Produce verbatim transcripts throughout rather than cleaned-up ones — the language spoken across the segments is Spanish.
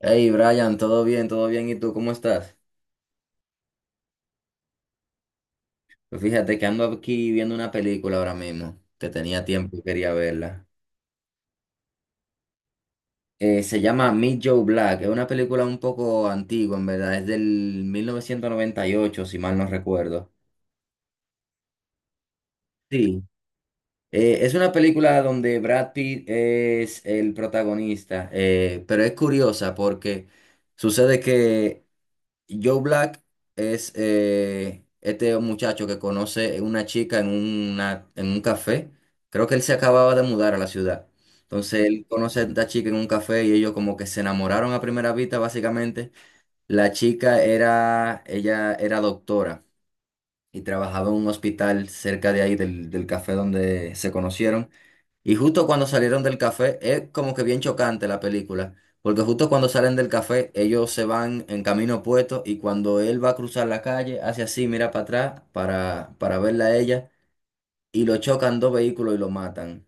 Hey Brian, todo bien, todo bien. ¿Y tú cómo estás? Pues fíjate que ando aquí viendo una película ahora mismo, que tenía tiempo y quería verla. Eh, se llama Meet Joe Black, es una película un poco antigua, en verdad, es del mil novecientos noventa y ocho, si mal no recuerdo. Sí, eh, es una película donde Brad Pitt es el protagonista, eh, pero es curiosa porque sucede que Joe Black es eh, este muchacho que conoce una chica en, una, en un café. Creo que él se acababa de mudar a la ciudad. Entonces él conoce a esta chica en un café y ellos como que se enamoraron a primera vista, básicamente. La chica era, ella era doctora y trabajaba en un hospital cerca de ahí del, del café donde se conocieron. Y justo cuando salieron del café, es como que bien chocante la película, porque justo cuando salen del café, ellos se van en camino opuesto y cuando él va a cruzar la calle, hace así, mira para atrás para, para verla a ella y lo chocan dos vehículos y lo matan.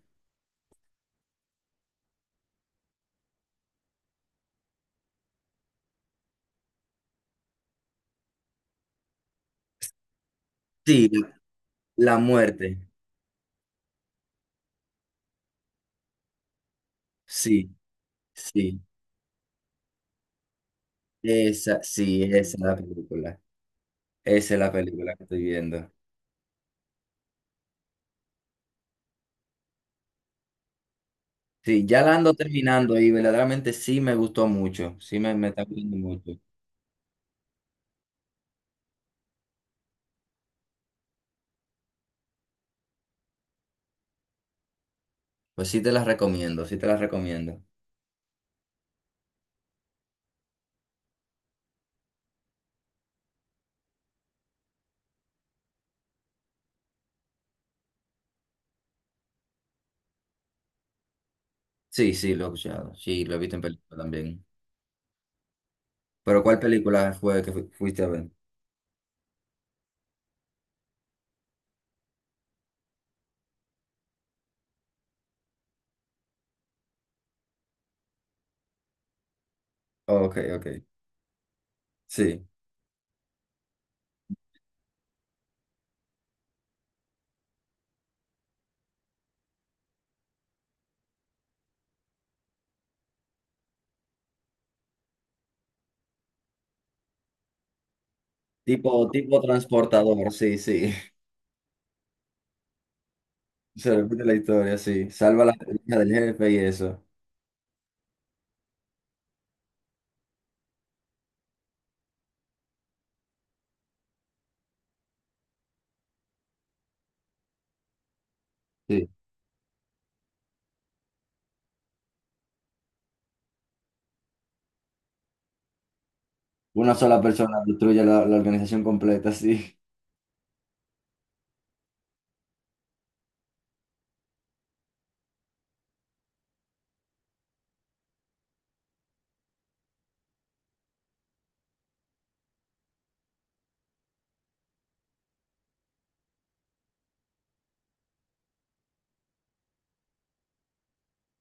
Sí, la muerte. Sí, sí. Esa, sí, esa es la película. Esa es la película que estoy viendo. Sí, ya la ando terminando y verdaderamente sí me gustó mucho. Sí me, me está gustando mucho. Pues sí te las recomiendo, sí te las recomiendo. Sí, sí, lo he escuchado. Sí, lo he visto en película también. Pero ¿cuál película fue que fu- fuiste a ver? Ok, ok. Sí. Tipo, tipo transportador, sí, sí. Se repite la historia, sí. Salva la hija del jefe y eso. Sí. Una sola persona destruye la, la organización completa, sí.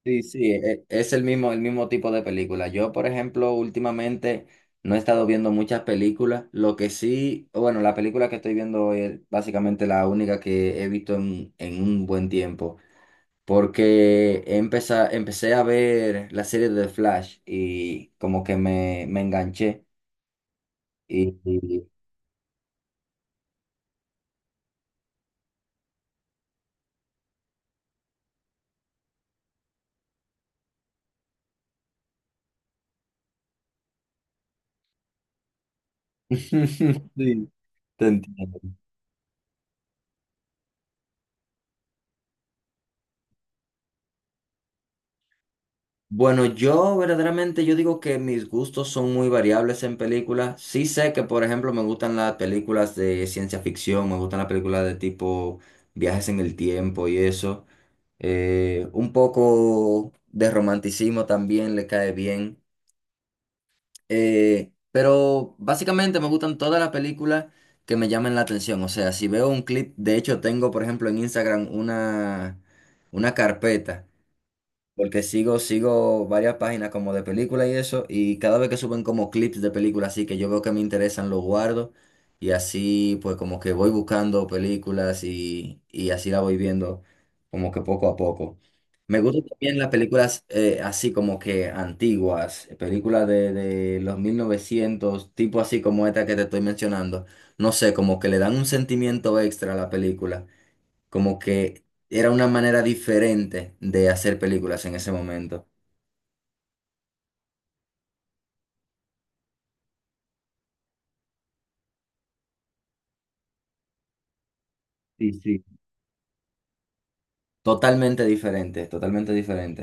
Sí, sí, e- es el mismo, el mismo tipo de película. Yo, por ejemplo, últimamente no he estado viendo muchas películas. Lo que sí, bueno, la película que estoy viendo es básicamente la única que he visto en, en un buen tiempo. Porque empecé, empecé a ver la serie de Flash y como que me, me enganché. Y, y- Sí, te entiendo. Bueno, yo verdaderamente yo digo que mis gustos son muy variables en películas. Sí sé que, por ejemplo, me gustan las películas de ciencia ficción, me gustan las películas de tipo viajes en el tiempo y eso. Eh, un poco de romanticismo también le cae bien. Eh, pero básicamente me gustan todas las películas que me llamen la atención. O sea, si veo un clip, de hecho tengo, por ejemplo, en Instagram una, una carpeta. Porque sigo, sigo varias páginas como de películas y eso, y cada vez que suben como clips de películas así que yo veo que me interesan, los guardo, y así pues como que voy buscando películas y, y así la voy viendo como que poco a poco. Me gustan también las películas eh, así como que antiguas, películas de, de los mil novecientos tipo así como esta que te estoy mencionando. No sé, como que le dan un sentimiento extra a la película. Como que era una manera diferente de hacer películas en ese momento. Sí, sí. Totalmente diferente, totalmente diferente.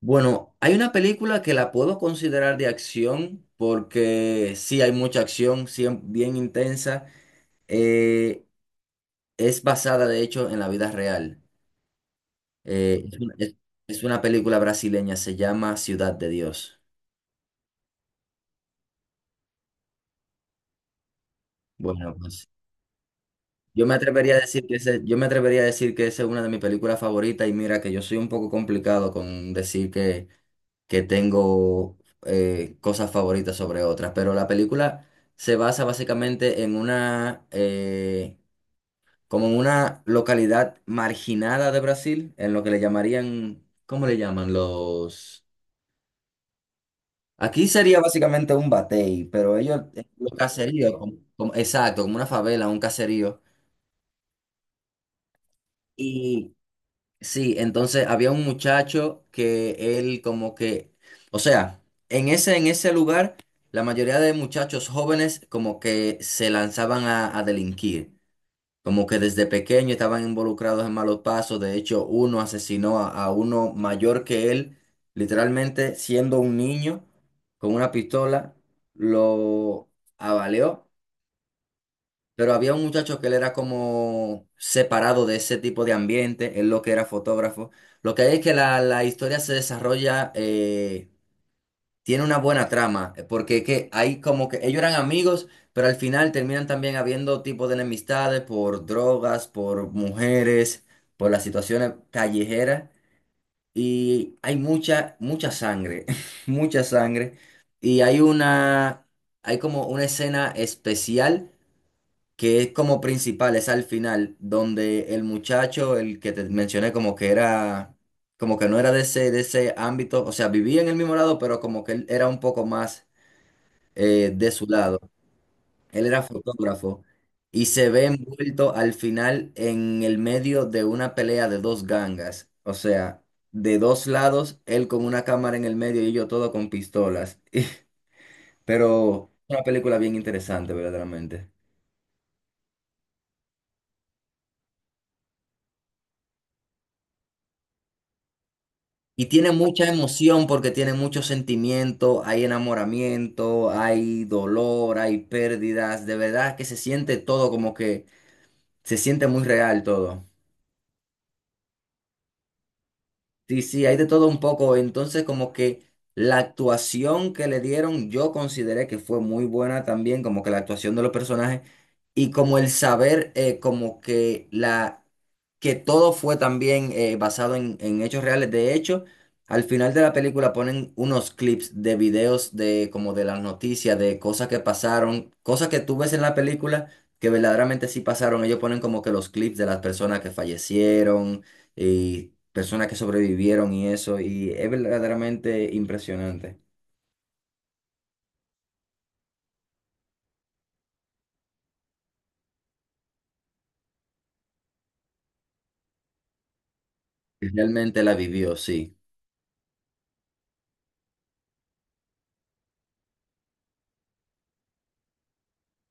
Bueno, hay una película que la puedo considerar de acción porque sí hay mucha acción, sí, bien intensa. Eh, es basada, de hecho, en la vida real. Eh, es, una es- es una película brasileña, se llama Ciudad de Dios. Bueno, pues yo me atrevería a decir que ese, yo me atrevería a decir que esa es una de mis películas favoritas y mira que yo soy un poco complicado con decir que, que tengo eh, cosas favoritas sobre otras, pero la película se basa básicamente en una, eh, como en una localidad marginada de Brasil, en lo que le llamarían, ¿cómo le llaman? Los... Aquí sería básicamente un batey, pero ellos, eh, los caseríos, como- como- exacto, como una favela, un caserío. Y sí, entonces había un muchacho que él como que, o sea, en ese, en ese lugar, la mayoría de muchachos jóvenes como que se lanzaban a, a delinquir, como que desde pequeño estaban involucrados en malos pasos, de hecho uno asesinó a, a uno mayor que él, literalmente siendo un niño con una pistola, lo avaleó. Pero había un muchacho que él era como separado de ese tipo de ambiente, él lo que era fotógrafo. Lo que hay es que la, la historia se desarrolla, eh, tiene una buena trama, eh, porque es que hay como que ellos eran amigos, pero al final terminan también habiendo tipo de enemistades por drogas, por mujeres, por las situaciones callejeras. Y hay mucha, mucha sangre, mucha sangre. Y hay una, hay como una escena especial que es como principal, es al final, donde el muchacho, el que te mencioné, como que era, como que no era de ese, de ese ámbito, o sea, vivía en el mismo lado, pero como que él era un poco más eh, de su lado. Él era fotógrafo y se ve envuelto al final en el medio de una pelea de dos gangas, o sea, de dos lados, él con una cámara en el medio y yo todo con pistolas. Pero una película bien interesante, verdaderamente. Y tiene mucha emoción porque tiene mucho sentimiento, hay enamoramiento, hay dolor, hay pérdidas, de verdad que se siente todo como que se siente muy real todo. Sí, sí, hay de todo un poco. Entonces, como que la actuación que le dieron, yo consideré que fue muy buena también, como que la actuación de los personajes y como el saber, eh, como que la que todo fue también eh, basado en, en hechos reales. De hecho, al final de la película ponen unos clips de videos de como de las noticias, de cosas que pasaron, cosas que tú ves en la película que verdaderamente sí pasaron. Ellos ponen como que los clips de las personas que fallecieron y personas que sobrevivieron y eso, y es verdaderamente impresionante. Realmente la vivió, sí.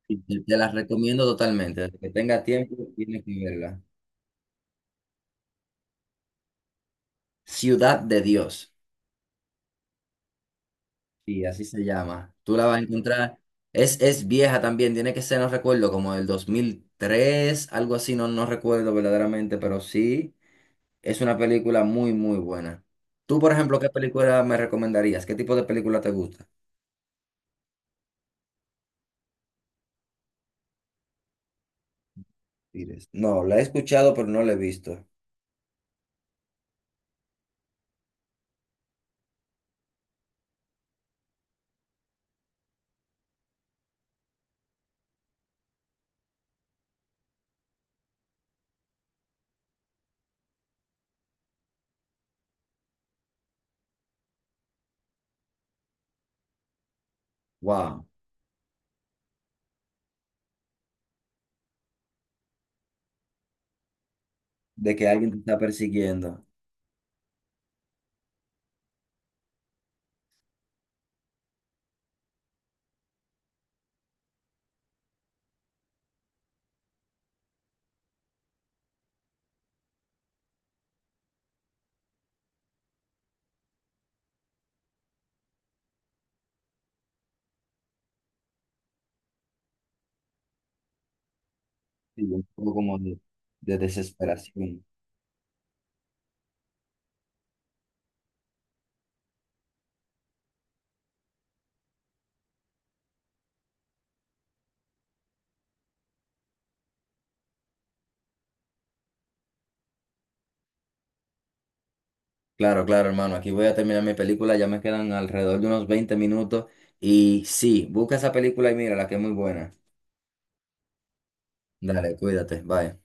Y Te, te la recomiendo totalmente. Desde que tenga tiempo, tienes que verla. Ciudad de Dios, sí así se llama. Tú la vas a encontrar. Es, es vieja también, tiene que ser, no recuerdo, como del dos mil tres algo así, no, no recuerdo verdaderamente, pero sí, es una película muy, muy buena. Tú, por ejemplo, ¿qué película me recomendarías? ¿Qué tipo de película te gusta? Pires. No, la he escuchado, pero no la he visto. Wow, de que alguien te está persiguiendo. Sí, un poco como de, de desesperación. Claro, claro, hermano. Aquí voy a terminar mi película. Ya me quedan alrededor de unos veinte minutos. Y sí, busca esa película y mírala, que es muy buena. Dale, cuídate. Bye.